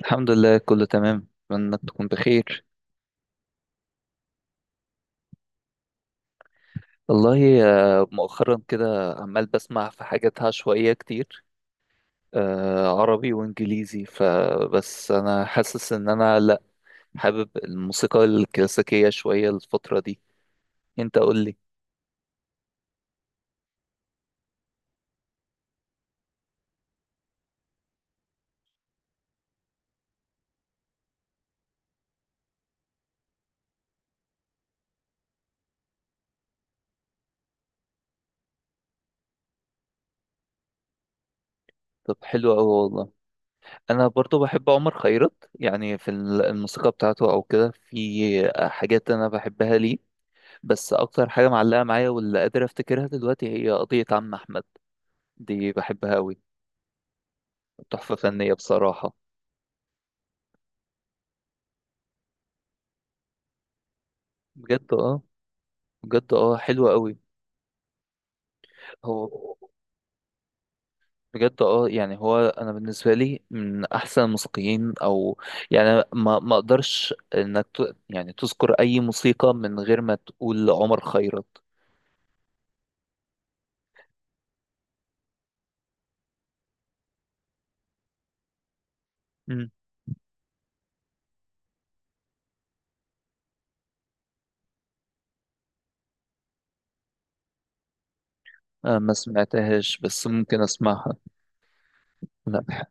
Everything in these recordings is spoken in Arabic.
الحمد لله كله تمام، اتمنى انك تكون بخير. والله، مؤخرا كده عمال بسمع في حاجات عشوائية كتير، عربي وانجليزي. فبس انا حاسس ان انا لا، حابب الموسيقى الكلاسيكية شوية الفترة دي. انت قول لي. طب حلو قوي والله. انا برضو بحب عمر خيرت، يعني في الموسيقى بتاعته او كده، في حاجات انا بحبها ليه. بس اكتر حاجة معلقة معايا واللي قادر افتكرها دلوقتي هي قضية عم احمد. دي بحبها قوي. تحفة فنية بصراحة. بجد اه. بجد اه حلوة قوي. هو بجد اه، يعني هو انا بالنسبة لي من احسن الموسيقيين. او يعني ما اقدرش يعني تذكر اي موسيقى من غير ما تقول عمر خيرت. مم. أنا ما سمعتهاش بس ممكن اسمعها. لا.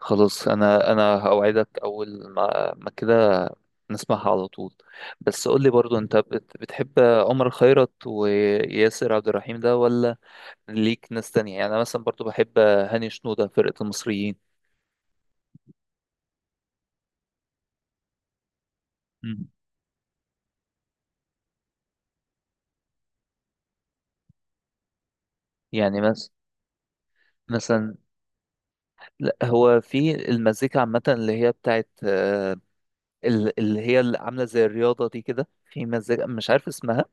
خلاص انا هوعدك اول ما كده نسمعها على طول. بس قول لي برضو انت بتحب عمر خيرت وياسر عبد الرحيم ده، ولا ليك ناس تانية؟ يعني أنا مثلا برضو بحب هاني شنودة فرقة المصريين. مم. يعني مثلا. لا هو في المزيكا عامة، اللي هي بتاعت اللي هي اللي عاملة زي الرياضة دي كده، في مزيكا مش عارف اسمها،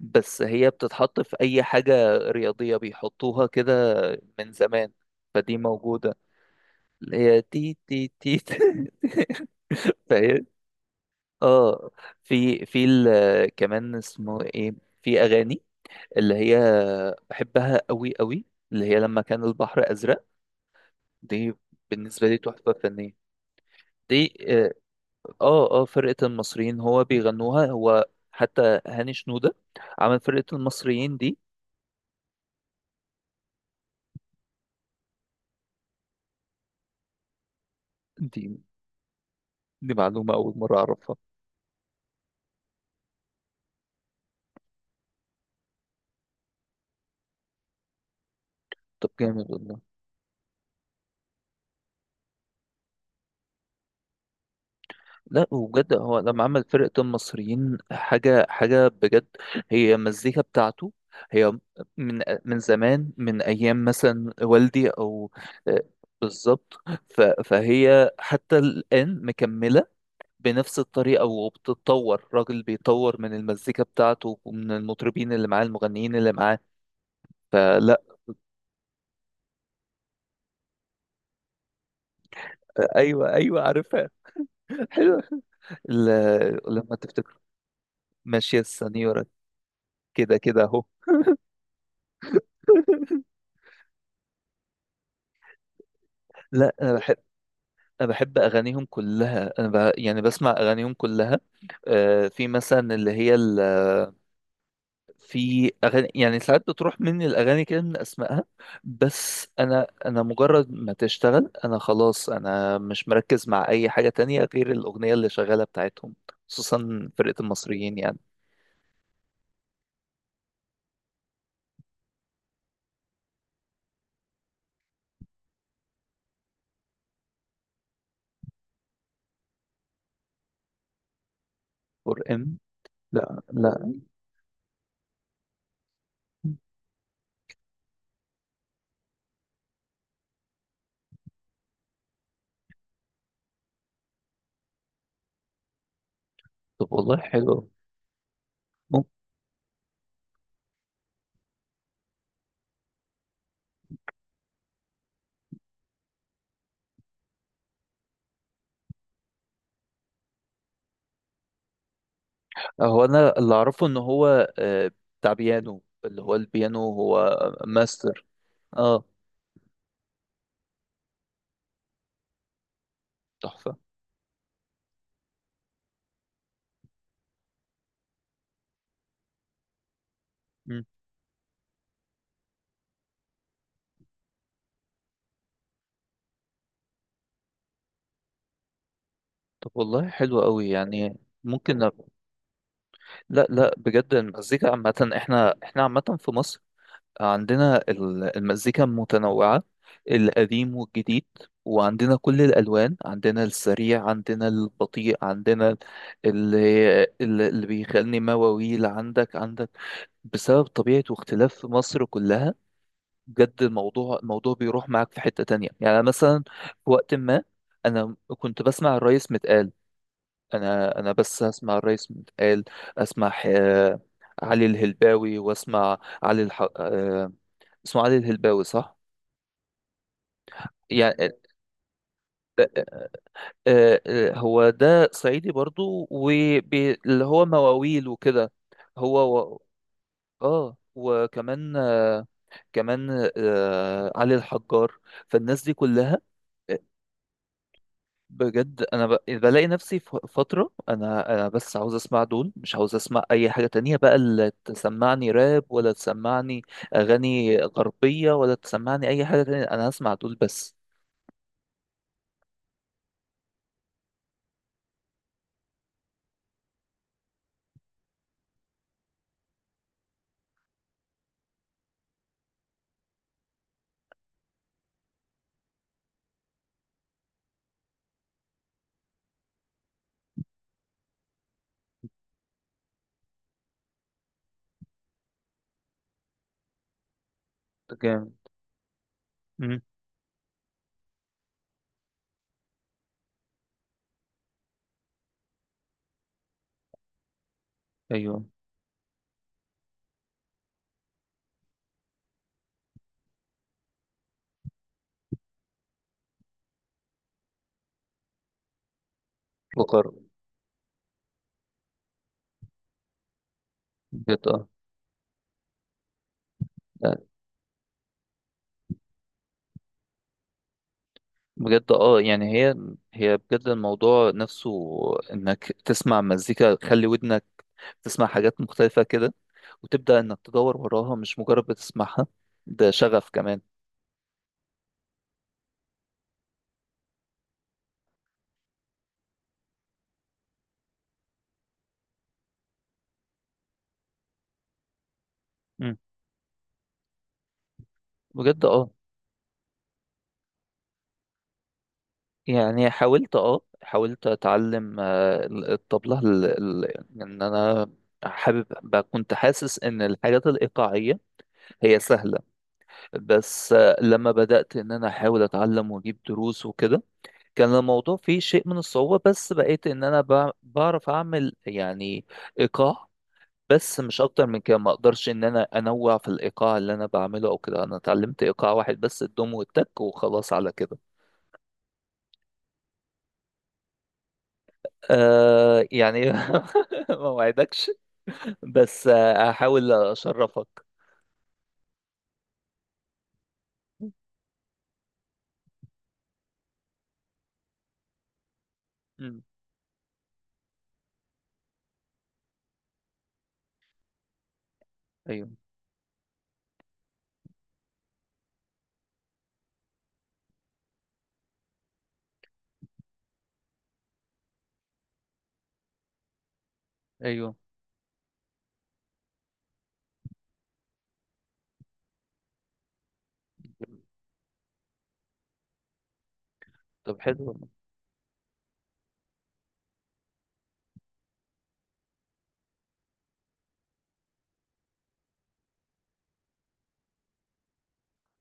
بس هي بتتحط في أي حاجة رياضية بيحطوها كده من زمان. فدي موجودة. اللي هي تي تي تي. فاهم. اه. في كمان اسمه ايه، في أغاني اللي هي بحبها قوي قوي، اللي هي لما كان البحر أزرق. دي بالنسبة لي تحفة فنية. دي اه. اه، فرقة المصريين هو بيغنوها هو. حتى هاني شنودة عمل فرقة المصريين دي. دي دي معلومة أول مرة أعرفها. طب جامد والله. لا وبجد، هو لما عمل فرقة المصريين حاجة حاجة بجد. هي المزيكا بتاعته هي، من زمان، من أيام مثلا والدي أو آه، بالظبط. فهي حتى الآن مكملة بنفس الطريقة وبتتطور. راجل بيطور من المزيكا بتاعته ومن المطربين اللي معاه، المغنيين اللي معاه. فلا. أيوه، أيوه، عارفها. حلوة. لما تفتكر ماشية السنيورة. كده كده أهو. لا، انا بحب اغانيهم كلها، انا يعني بسمع اغانيهم كلها. آه في مثلا اللي هي في اغاني، يعني ساعات بتروح مني الاغاني كده من اسمائها. بس انا مجرد ما تشتغل، انا خلاص، انا مش مركز مع اي حاجة تانية غير الاغنية اللي شغالة بتاعتهم، خصوصا فرقة المصريين يعني. فور ام. لا، لا. طب والله حلو. هو انا اللي اعرفه ان هو بتاع بيانو، اللي هو البيانو، هو ماستر. اه تحفة. مم. طب والله حلو قوي يعني. ممكن لا لا، بجد المزيكا عامة، احنا عامة في مصر عندنا المزيكا متنوعة، القديم والجديد، وعندنا كل الألوان، عندنا السريع، عندنا البطيء، عندنا اللي اللي بيخلني مواويل، عندك بسبب طبيعة واختلاف في مصر كلها. بجد الموضوع بيروح معاك في حتة تانية، يعني مثلا في وقت ما أنا كنت بسمع الريس متقال. انا بس اسمع الرئيس متقال، اسمع علي الهلباوي، واسمع علي الح... آه، اسمه علي الهلباوي صح؟ يعني آه، هو ده صعيدي برضو، واللي هو مواويل وكده. هو و... اه وكمان كمان علي الحجار. فالناس دي كلها، بجد انا بلاقي نفسي في فتره، انا بس عاوز اسمع دول، مش عاوز اسمع اي حاجه تانية بقى، اللي تسمعني راب ولا تسمعني اغاني غربيه ولا تسمعني اي حاجه تانية، انا هسمع دول بس. جامد. مم. ايوه بقر. بجد اه. لا، بجد اه، يعني هي، بجد الموضوع نفسه، انك تسمع مزيكا، خلي ودنك تسمع حاجات مختلفه كده، وتبدا انك تدور وراها مش مجرد بتسمعها. ده شغف كمان. مم. بجد اه، يعني حاولت اه، حاولت اتعلم الطبلة. ان انا حابب كنت حاسس ان الحاجات الايقاعية هي سهلة. بس لما بدأت ان انا احاول اتعلم واجيب دروس وكده، كان الموضوع فيه شيء من الصعوبة. بس بقيت ان انا بعرف اعمل، يعني، ايقاع. بس مش اكتر من كده، ما اقدرش ان انا انوع في الايقاع اللي انا بعمله او كده. انا اتعلمت ايقاع واحد بس، الدوم والتك وخلاص على كده. آه يعني. ما وعدكش. بس هحاول اشرفك. مم. ايوه، ايوه. طب حلو.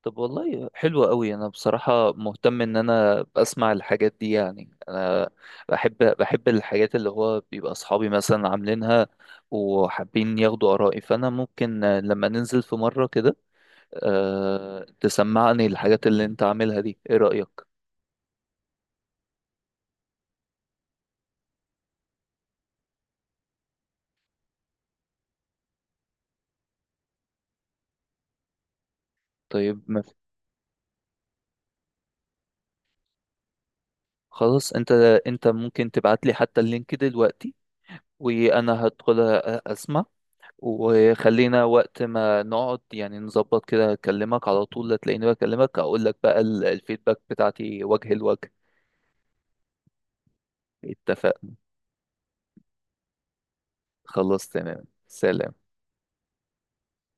طب والله حلو قوي، انا بصراحة مهتم ان انا اسمع الحاجات دي، يعني انا بحب الحاجات اللي هو بيبقى اصحابي مثلا عاملينها وحابين ياخدوا ارائي. فانا ممكن لما ننزل في مرة كده، أه تسمعني الحاجات اللي انت عاملها دي، ايه رأيك؟ طيب ما في- خلاص انت، ممكن تبعت لي حتى اللينك دلوقتي وانا هدخل اسمع. وخلينا وقت ما نقعد يعني نظبط كده، اكلمك على طول لا تلاقيني بكلمك، اقول لك بقى الفيدباك بتاعتي وجه لوجه. اتفقنا. خلاص تمام. سلام.